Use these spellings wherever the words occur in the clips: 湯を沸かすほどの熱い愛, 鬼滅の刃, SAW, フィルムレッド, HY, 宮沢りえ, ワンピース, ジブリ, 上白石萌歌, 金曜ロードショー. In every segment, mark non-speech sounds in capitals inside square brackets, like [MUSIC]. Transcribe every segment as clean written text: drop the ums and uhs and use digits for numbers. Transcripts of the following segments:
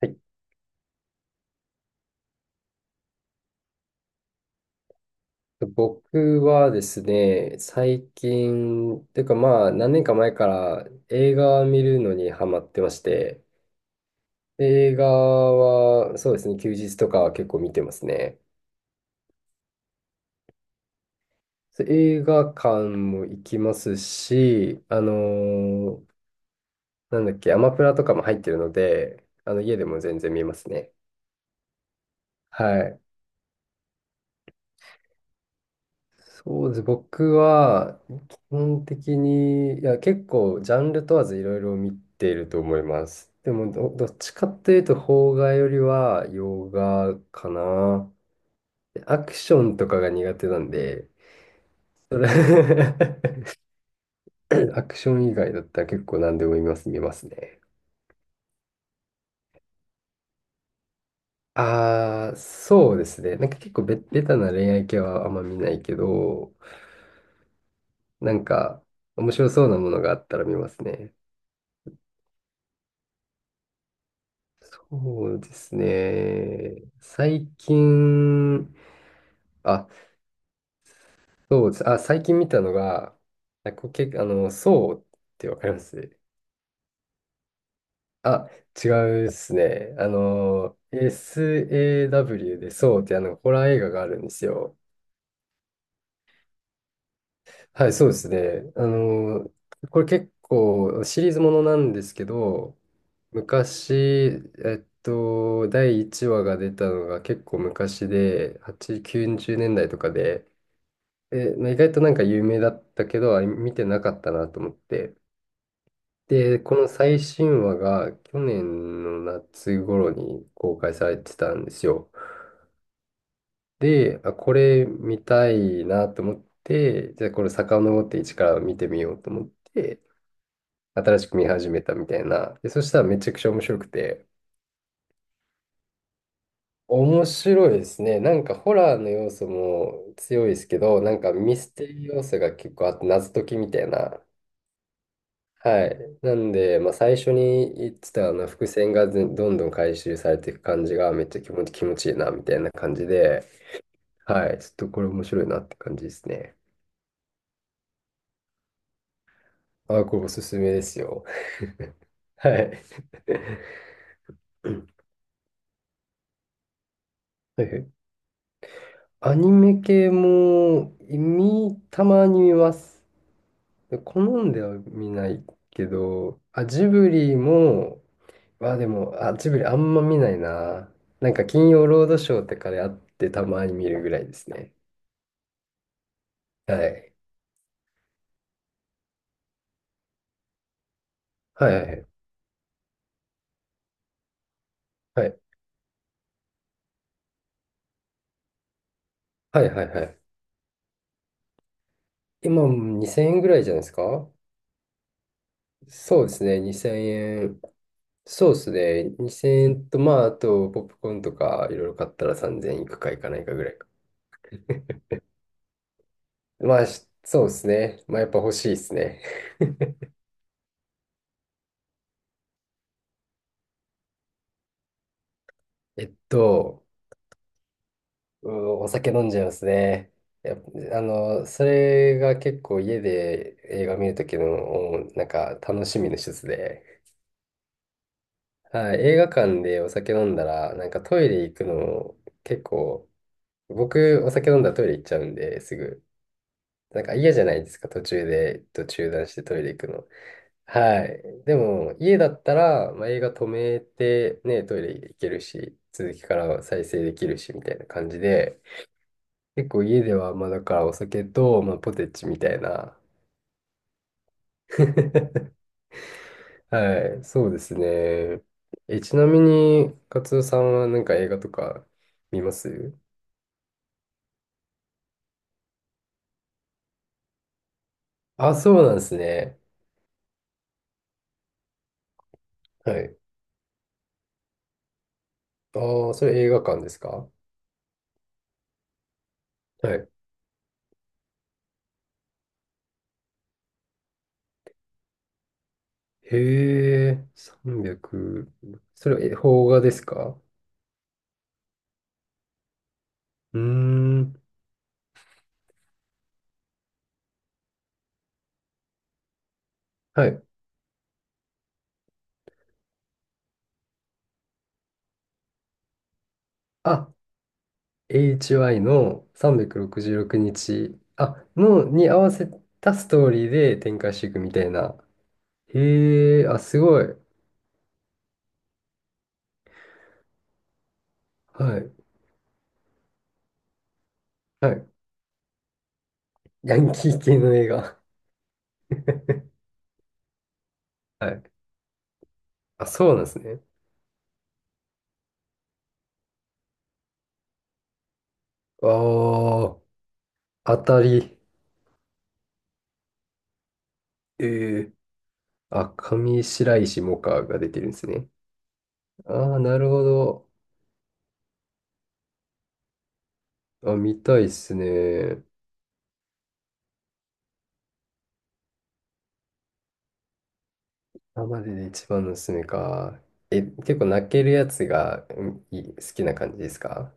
はい。僕はですね、最近、というかまあ何年か前から映画を見るのにハマってまして、映画はそうですね、休日とかは結構見てますね。そう、映画館も行きますし、なんだっけ、アマプラとかも入ってるので、あの家でも全然見ますね。はい。そうですね。僕は、基本的に、いや、結構、ジャンル問わずいろいろ見ていると思います。でもどっちかっていうと、邦画よりは洋画かな。アクションとかが苦手なんで、それ [LAUGHS] アクション以外だったら結構何でも見ますね。ああ、そうですね。なんか結構ベタな恋愛系はあんま見ないけど、なんか、面白そうなものがあったら見ますね。そうですね。最近、あ、そうです。あ、最近見たのが、あ、そうってわかります？あ、違うですね。あの、SAW でそうって、あの、ホラー映画があるんですよ。はい、そうですね。これ結構シリーズものなんですけど、昔、第1話が出たのが結構昔で、8、90年代とかで、で、まあ、意外となんか有名だったけど、あ、見てなかったなと思って。で、この最新話が去年の夏頃に公開されてたんですよ。で、あ、これ見たいなと思って、じゃあこれ遡って一から見てみようと思って、新しく見始めたみたいな。で、そしたらめちゃくちゃ面白くて。面白いですね。なんかホラーの要素も強いですけど、なんかミステリー要素が結構あって謎解きみたいな。はい。なんで、まあ、最初に言ってたあの伏線がずどんどん回収されていく感じがめっちゃ気持ちいいなみたいな感じで、はい。ちょっとこれ面白いなって感じですね。あ、これおすすめですよ。[LAUGHS] はい。[LAUGHS] うん、はいはい。アニメ系もたまに見ます。好んでは見ないけど、あ、ジブリも、あ、でも、あ、ジブリあんま見ないな。なんか金曜ロードショーとかであってたまに見るぐらいですね。はい。はいはいはい。はいはいはいはい。今、2000円ぐらいじゃないですか？そうですね、2000円。そうですね、2000円と、まあ、あと、ポップコーンとか、いろいろ買ったら3000円いくかいかないかぐらいか。まあ、しそうですね。まあ、やっぱ欲しいですね。[LAUGHS] えっと、うん、お酒飲んじゃいますね。やっぱそれが結構家で映画見るときの、なんか、楽しみの一つで。はい、映画館でお酒飲んだら、なんかトイレ行くの、結構僕、お酒飲んだらトイレ行っちゃうんで、すぐ。なんか嫌じゃないですか、途中断してトイレ行くの。はい。でも、家だったら、まあ、映画止めて、ね、トイレ行けるし、続きから再生できるし、みたいな感じで、結構家では、まあ、だからお酒と、まあ、ポテチみたいな。[LAUGHS] はい、そうですね。え、ちなみに、カツオさんはなんか映画とか見ます？あ、そうなんですね。はい。ああ、それ映画館ですか？はい。へえ、3 0、それは、え、邦画ですか？うーん。はい。あ、HY の366日、あ、の、に合わせたストーリーで展開していくみたいな。へえ、あ、すごい。はい。はい。ヤンキー系の映画。[LAUGHS] はい。あ、そうなんですね。ああ、当たり。ええ。あ、上白石萌歌が出てるんですね。ああ、なるほど。あ、見たいっすね。今までで一番のおすすめか。え、結構泣けるやつが、うん、いい、好きな感じですか？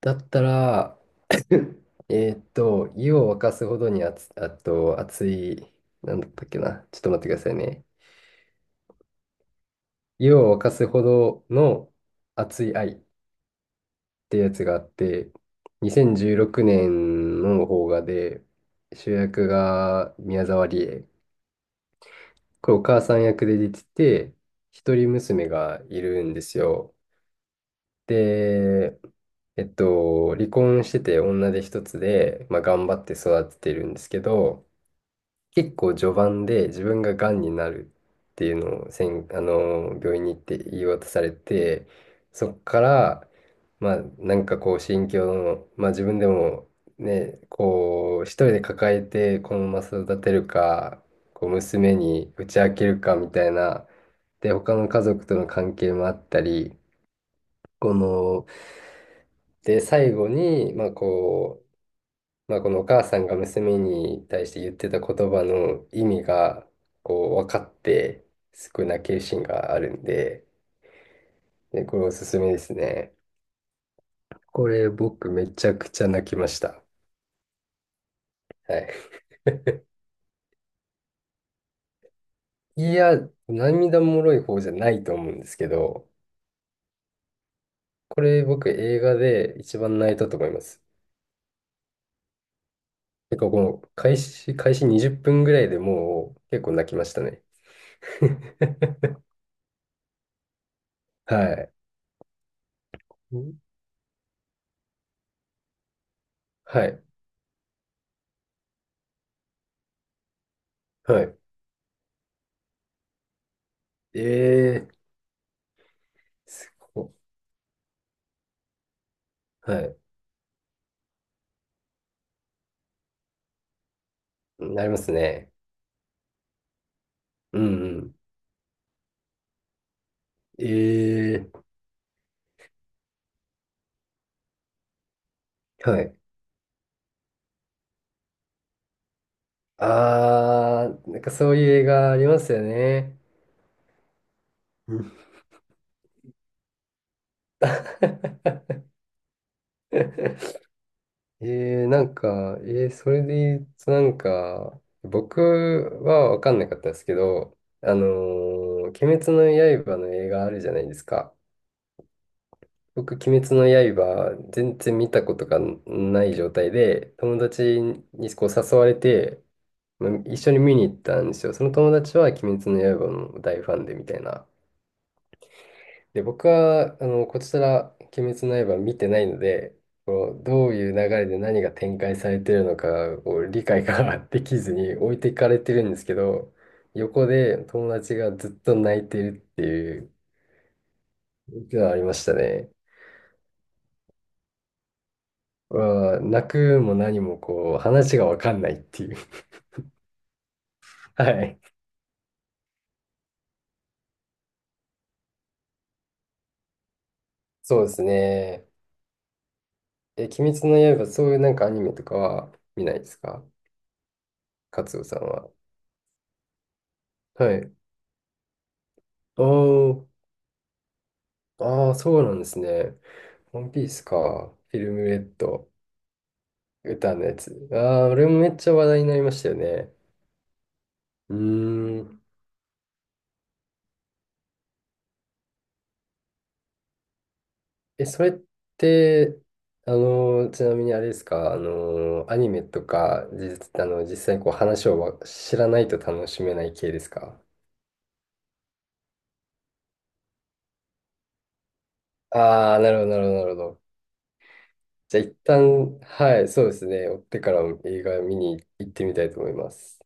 だったら、[LAUGHS] 湯を沸かすほどに熱、あと熱い、なんだったっけな。ちょっと待ってくださいね。湯を沸かすほどの熱い愛ってやつがあって、2016年の邦画で、主役が宮沢りえ。これお母さん役で出てて、一人娘がいるんですよ。で、離婚してて女手一つで、まあ、頑張って育ててるんですけど、結構序盤で自分ががんになるっていうのをせん、あの、病院に行って言い渡されて、そっから、まあ、なんかこう、心境の、まあ、自分でもね、こう、一人で抱えてこのまま育てるか、こう、娘に打ち明けるかみたいな、で、他の家族との関係もあったり、この、で、最後に、まあこう、まあ、このお母さんが娘に対して言ってた言葉の意味が、こう、分かって、すごい泣けるシーンがあるんで、で、これおすすめですね。これ僕めちゃくちゃ泣きました。はい。[LAUGHS] いや、涙もろい方じゃないと思うんですけど、これ僕映画で一番泣いたと思います。結構この開始20分ぐらいでもう結構泣きましたね。[LAUGHS] はい。はい。はい。ええ、すごい。はい。なりますね。うんうん。ええ、はい。あー、なんかそういう映画ありますよね。うん。 [LAUGHS] なんか、それで言うとなんか、僕はわかんなかったですけど、あの鬼滅の刃の映画あるじゃないですか。僕、鬼滅の刃、全然見たことがない状態で、友達にこう誘われて、まあ一緒に見に行ったんですよ。その友達は鬼滅の刃の大ファンでみたいな。で、僕は、あの、こちら、鬼滅の刃見てないので、こう、どういう流れで何が展開されてるのか、こう、理解が [LAUGHS] できずに置いていかれてるんですけど、横で友達がずっと泣いてるっていうのがありましたね。わあ、泣くも何もこう、話がわかんないっていう。[LAUGHS] はい。そうですね。え、鬼滅の刃、そういうなんかアニメとかは見ないですか、カツオさんは？はい。おー、ああ、そうなんですね。ワンピースか。フィルムレッド、歌のやつ。ああ、俺もめっちゃ話題になりましたよね。うーん。え、それって、ちなみにあれですか、アニメとか、実、あの、実際こう話を知らないと楽しめない系ですか？ああ、なるほど、なるほど、なるほど。じゃあ一旦、はい、そうですね。追ってから映画見に行ってみたいと思います。